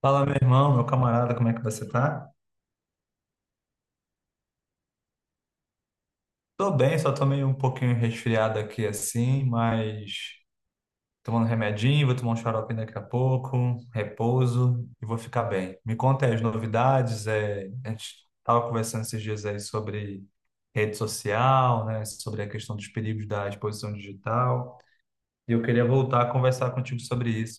Fala, meu irmão, meu camarada, como é que você tá? Tô bem, só tô meio um pouquinho resfriado aqui assim, mas tomando remedinho, vou tomar um xarope daqui a pouco, repouso e vou ficar bem. Me conta aí as novidades, a gente tava conversando esses dias aí sobre rede social, né, sobre a questão dos perigos da exposição digital, e eu queria voltar a conversar contigo sobre isso.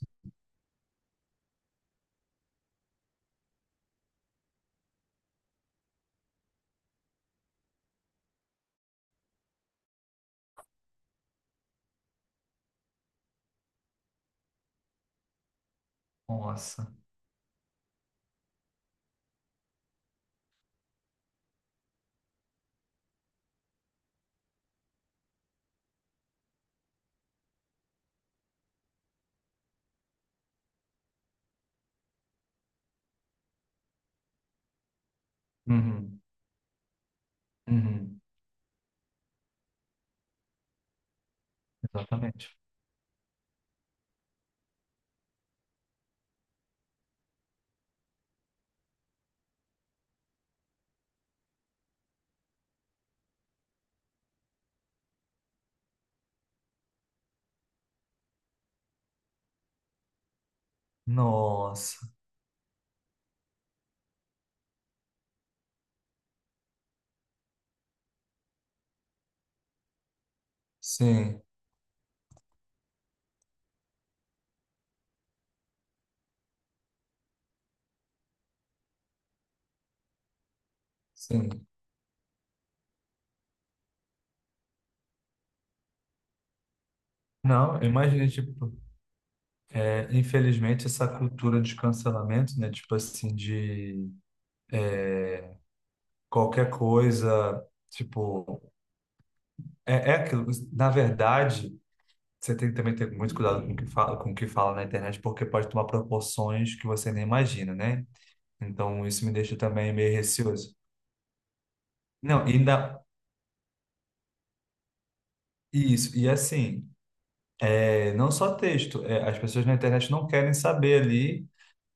Nossa. Uhum, uhum. Exatamente. Nossa. Sim, sim. Não, imagina, tipo, infelizmente essa cultura de cancelamento, né? Tipo assim, de qualquer coisa, tipo, é aquilo. Na verdade, você tem que também ter muito cuidado com o que fala, com o que fala na internet, porque pode tomar proporções que você nem imagina, né? Então, isso me deixa também meio receoso. Não, ainda isso. E assim, não só texto, as pessoas na internet não querem saber ali,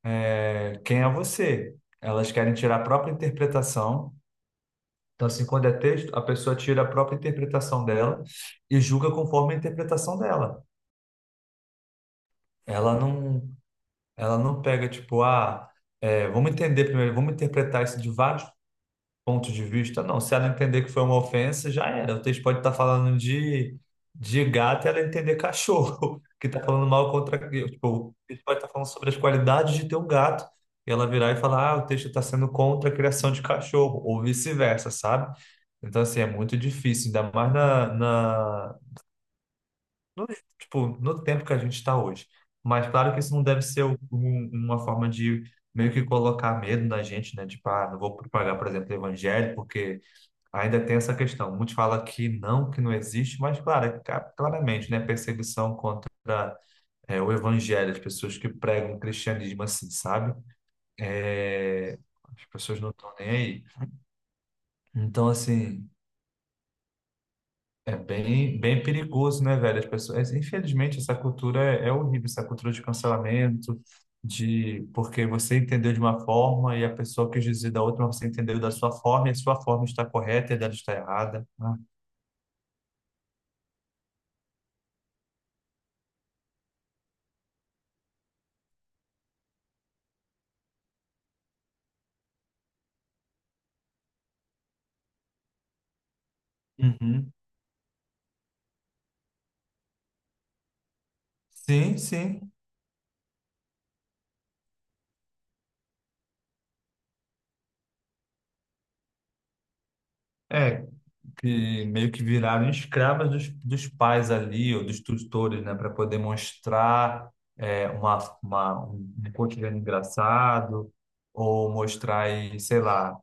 quem é você. Elas querem tirar a própria interpretação. Então, assim, quando é texto, a pessoa tira a própria interpretação dela e julga conforme a interpretação dela. Ela não, ela não pega, tipo, ah, vamos entender primeiro, vamos interpretar isso de vários ponto de vista, não. Se ela entender que foi uma ofensa, já era. O texto pode estar falando de gato e ela entender cachorro, que está falando mal contra. Tipo, o texto pode estar falando sobre as qualidades de ter um gato. E ela virar e falar, ah, o texto está sendo contra a criação de cachorro, ou vice-versa, sabe? Então, assim, é muito difícil, ainda mais tipo, no tempo que a gente está hoje. Mas claro que isso não deve ser uma forma de meio que colocar medo na gente, né? Tipo, ah, não vou propagar, por exemplo, o evangelho, porque ainda tem essa questão. Muitos falam que não existe, mas claro, claramente, né, perseguição contra o evangelho, as pessoas que pregam o cristianismo assim, sabe? É, as pessoas não estão nem aí. Então, assim, é bem, bem perigoso, né, velho? As pessoas, infelizmente, essa cultura é horrível, essa cultura de cancelamento, de porque você entendeu de uma forma e a pessoa quis dizer da outra, mas você entendeu da sua forma e a sua forma está correta e a dela está errada. Ah, uhum. Sim, sim. É, que meio que viraram escravas dos pais ali, ou dos tutores, né, para poder mostrar uma, um cotidiano engraçado, ou mostrar, aí, sei lá,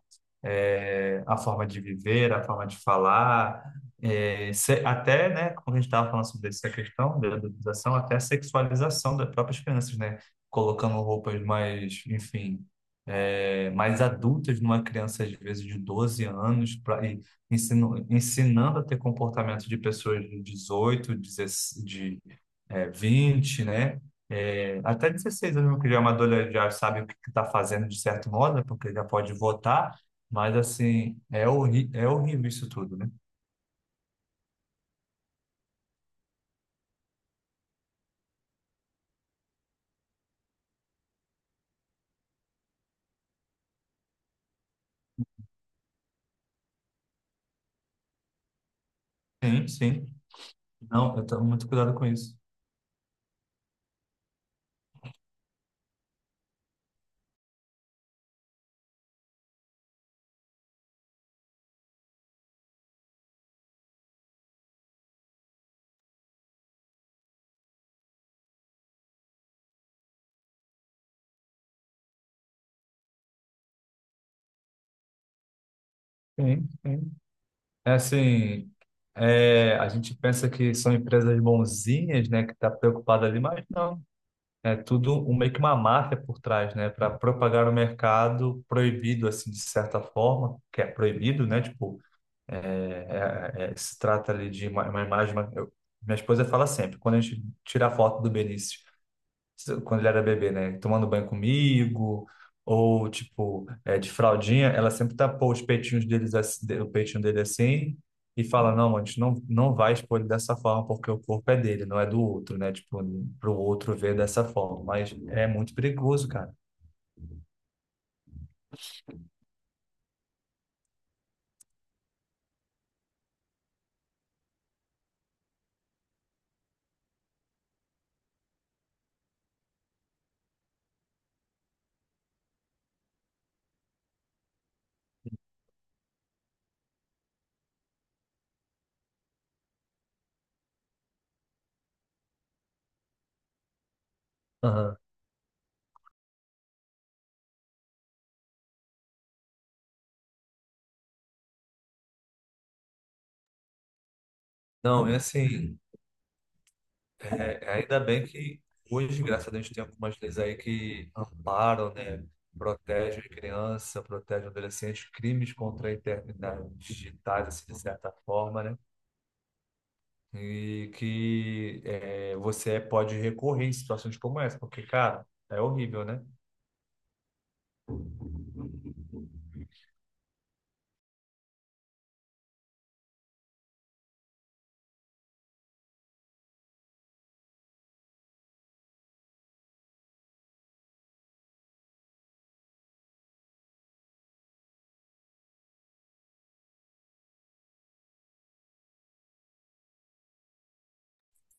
a forma de viver, a forma de falar, até, né, como a gente estava falando sobre essa questão da adultização, até a sexualização das próprias crianças, né, colocando roupas mais, enfim, mais adultas numa criança, às vezes, de 12 anos, pra, e ensino, ensinando a ter comportamento de pessoas de 18, 16, de, 20, né, até 16 anos, que já é uma adolescente, já sabe o que está fazendo de certo modo, né, porque já pode votar, mas assim, é, horri é horrível isso tudo, né? Sim, sim. Não, eu tomo muito cuidado com isso. Sim, sim. É assim, a gente pensa que são empresas bonzinhas, né, que tá preocupada ali, mas não. É tudo um, meio que uma máfia por trás, né, para propagar o mercado proibido, assim, de certa forma, que é proibido, né, tipo, se trata ali de uma imagem. Minha esposa fala sempre, quando a gente tira a foto do Benício quando ele era bebê, né? Tomando banho comigo, ou tipo, de fraldinha, ela sempre tapou os peitinhos deles, o peitinho dele assim, e fala, não, a gente não, não vai expor ele dessa forma, porque o corpo é dele, não é do outro, né? Tipo, pro outro ver dessa forma. Mas é muito perigoso, cara. Aham. Não, é assim. É, ainda bem que hoje, graças a Deus, tem algumas leis aí que amparam, né? Protegem criança, protegem adolescentes, crimes contra a eternidade digitais, assim, de certa forma, né? E que é, você pode recorrer em situações como essa, porque, cara, é horrível, né?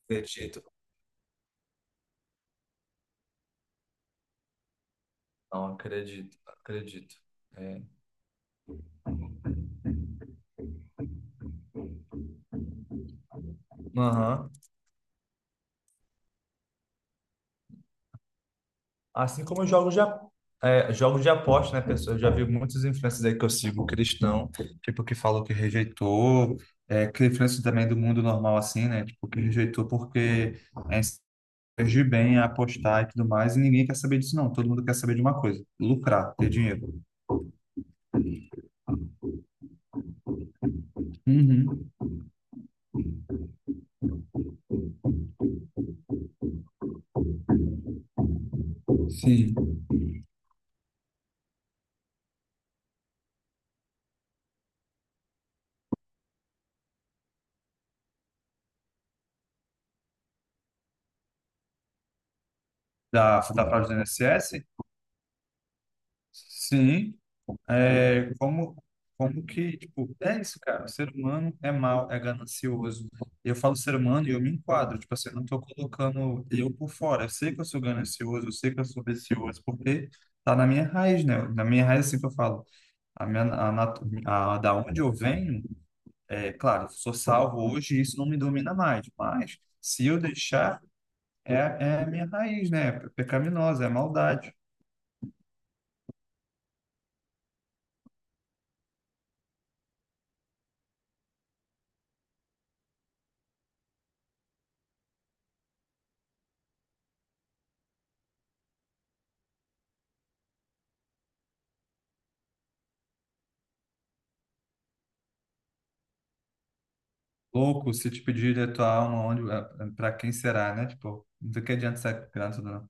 Acredito. Não, acredito, acredito. É. Aham. Assim como jogos de, jogos de aposta, né, pessoal? Eu já vi muitas influências aí que eu sigo cristão, tipo, que falou que rejeitou, que influencers também do mundo normal, assim, né? Tipo, que rejeitou porque é, surgiu bem a apostar e tudo mais, e ninguém quer saber disso, não. Todo mundo quer saber de uma coisa: lucrar, ter dinheiro. Uhum. Sim. Da fraude do INSS? Sim, é, como que, tipo, é isso, cara. O ser humano é mau, é ganancioso. Eu falo ser humano e eu me enquadro. Tipo assim, eu não tô colocando eu por fora. Eu sei que eu sou ganancioso, eu sei que eu sou vicioso, porque tá na minha raiz, né? Na minha raiz, assim que eu falo. A minha, a, natu- a, da onde eu venho, é claro, eu sou salvo hoje e isso não me domina mais. Mas, se eu deixar, é a minha raiz, né? É pecaminosa, é maldade. Louco, se te pedir a tua alma, onde, para quem será, né? Tipo, do que adianta ser grato, não?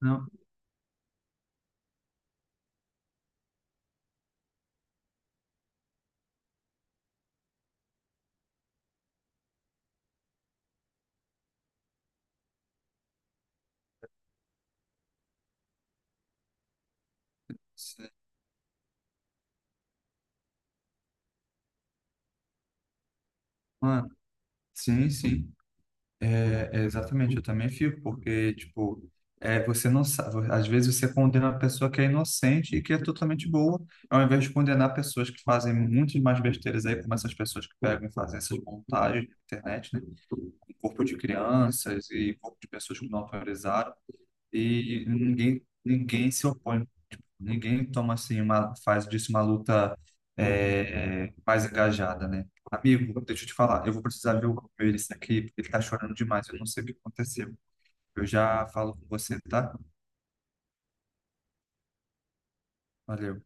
Não, se- mano, sim, sim. É, é exatamente, eu também fico, porque, tipo, você não sabe, às vezes você condena a pessoa que é inocente e que é totalmente boa, ao invés de condenar pessoas que fazem muitas mais besteiras aí, como essas pessoas que pegam e fazem essas montagens na internet, né? Corpo de crianças e corpo de pessoas que não autorizaram, e ninguém se opõe. Ninguém toma assim uma, faz disso uma luta mais engajada, né? Amigo, deixa eu te falar, eu vou precisar ver o meu aqui, porque ele tá chorando demais, eu não sei o que aconteceu. Eu já falo com você, tá? Valeu.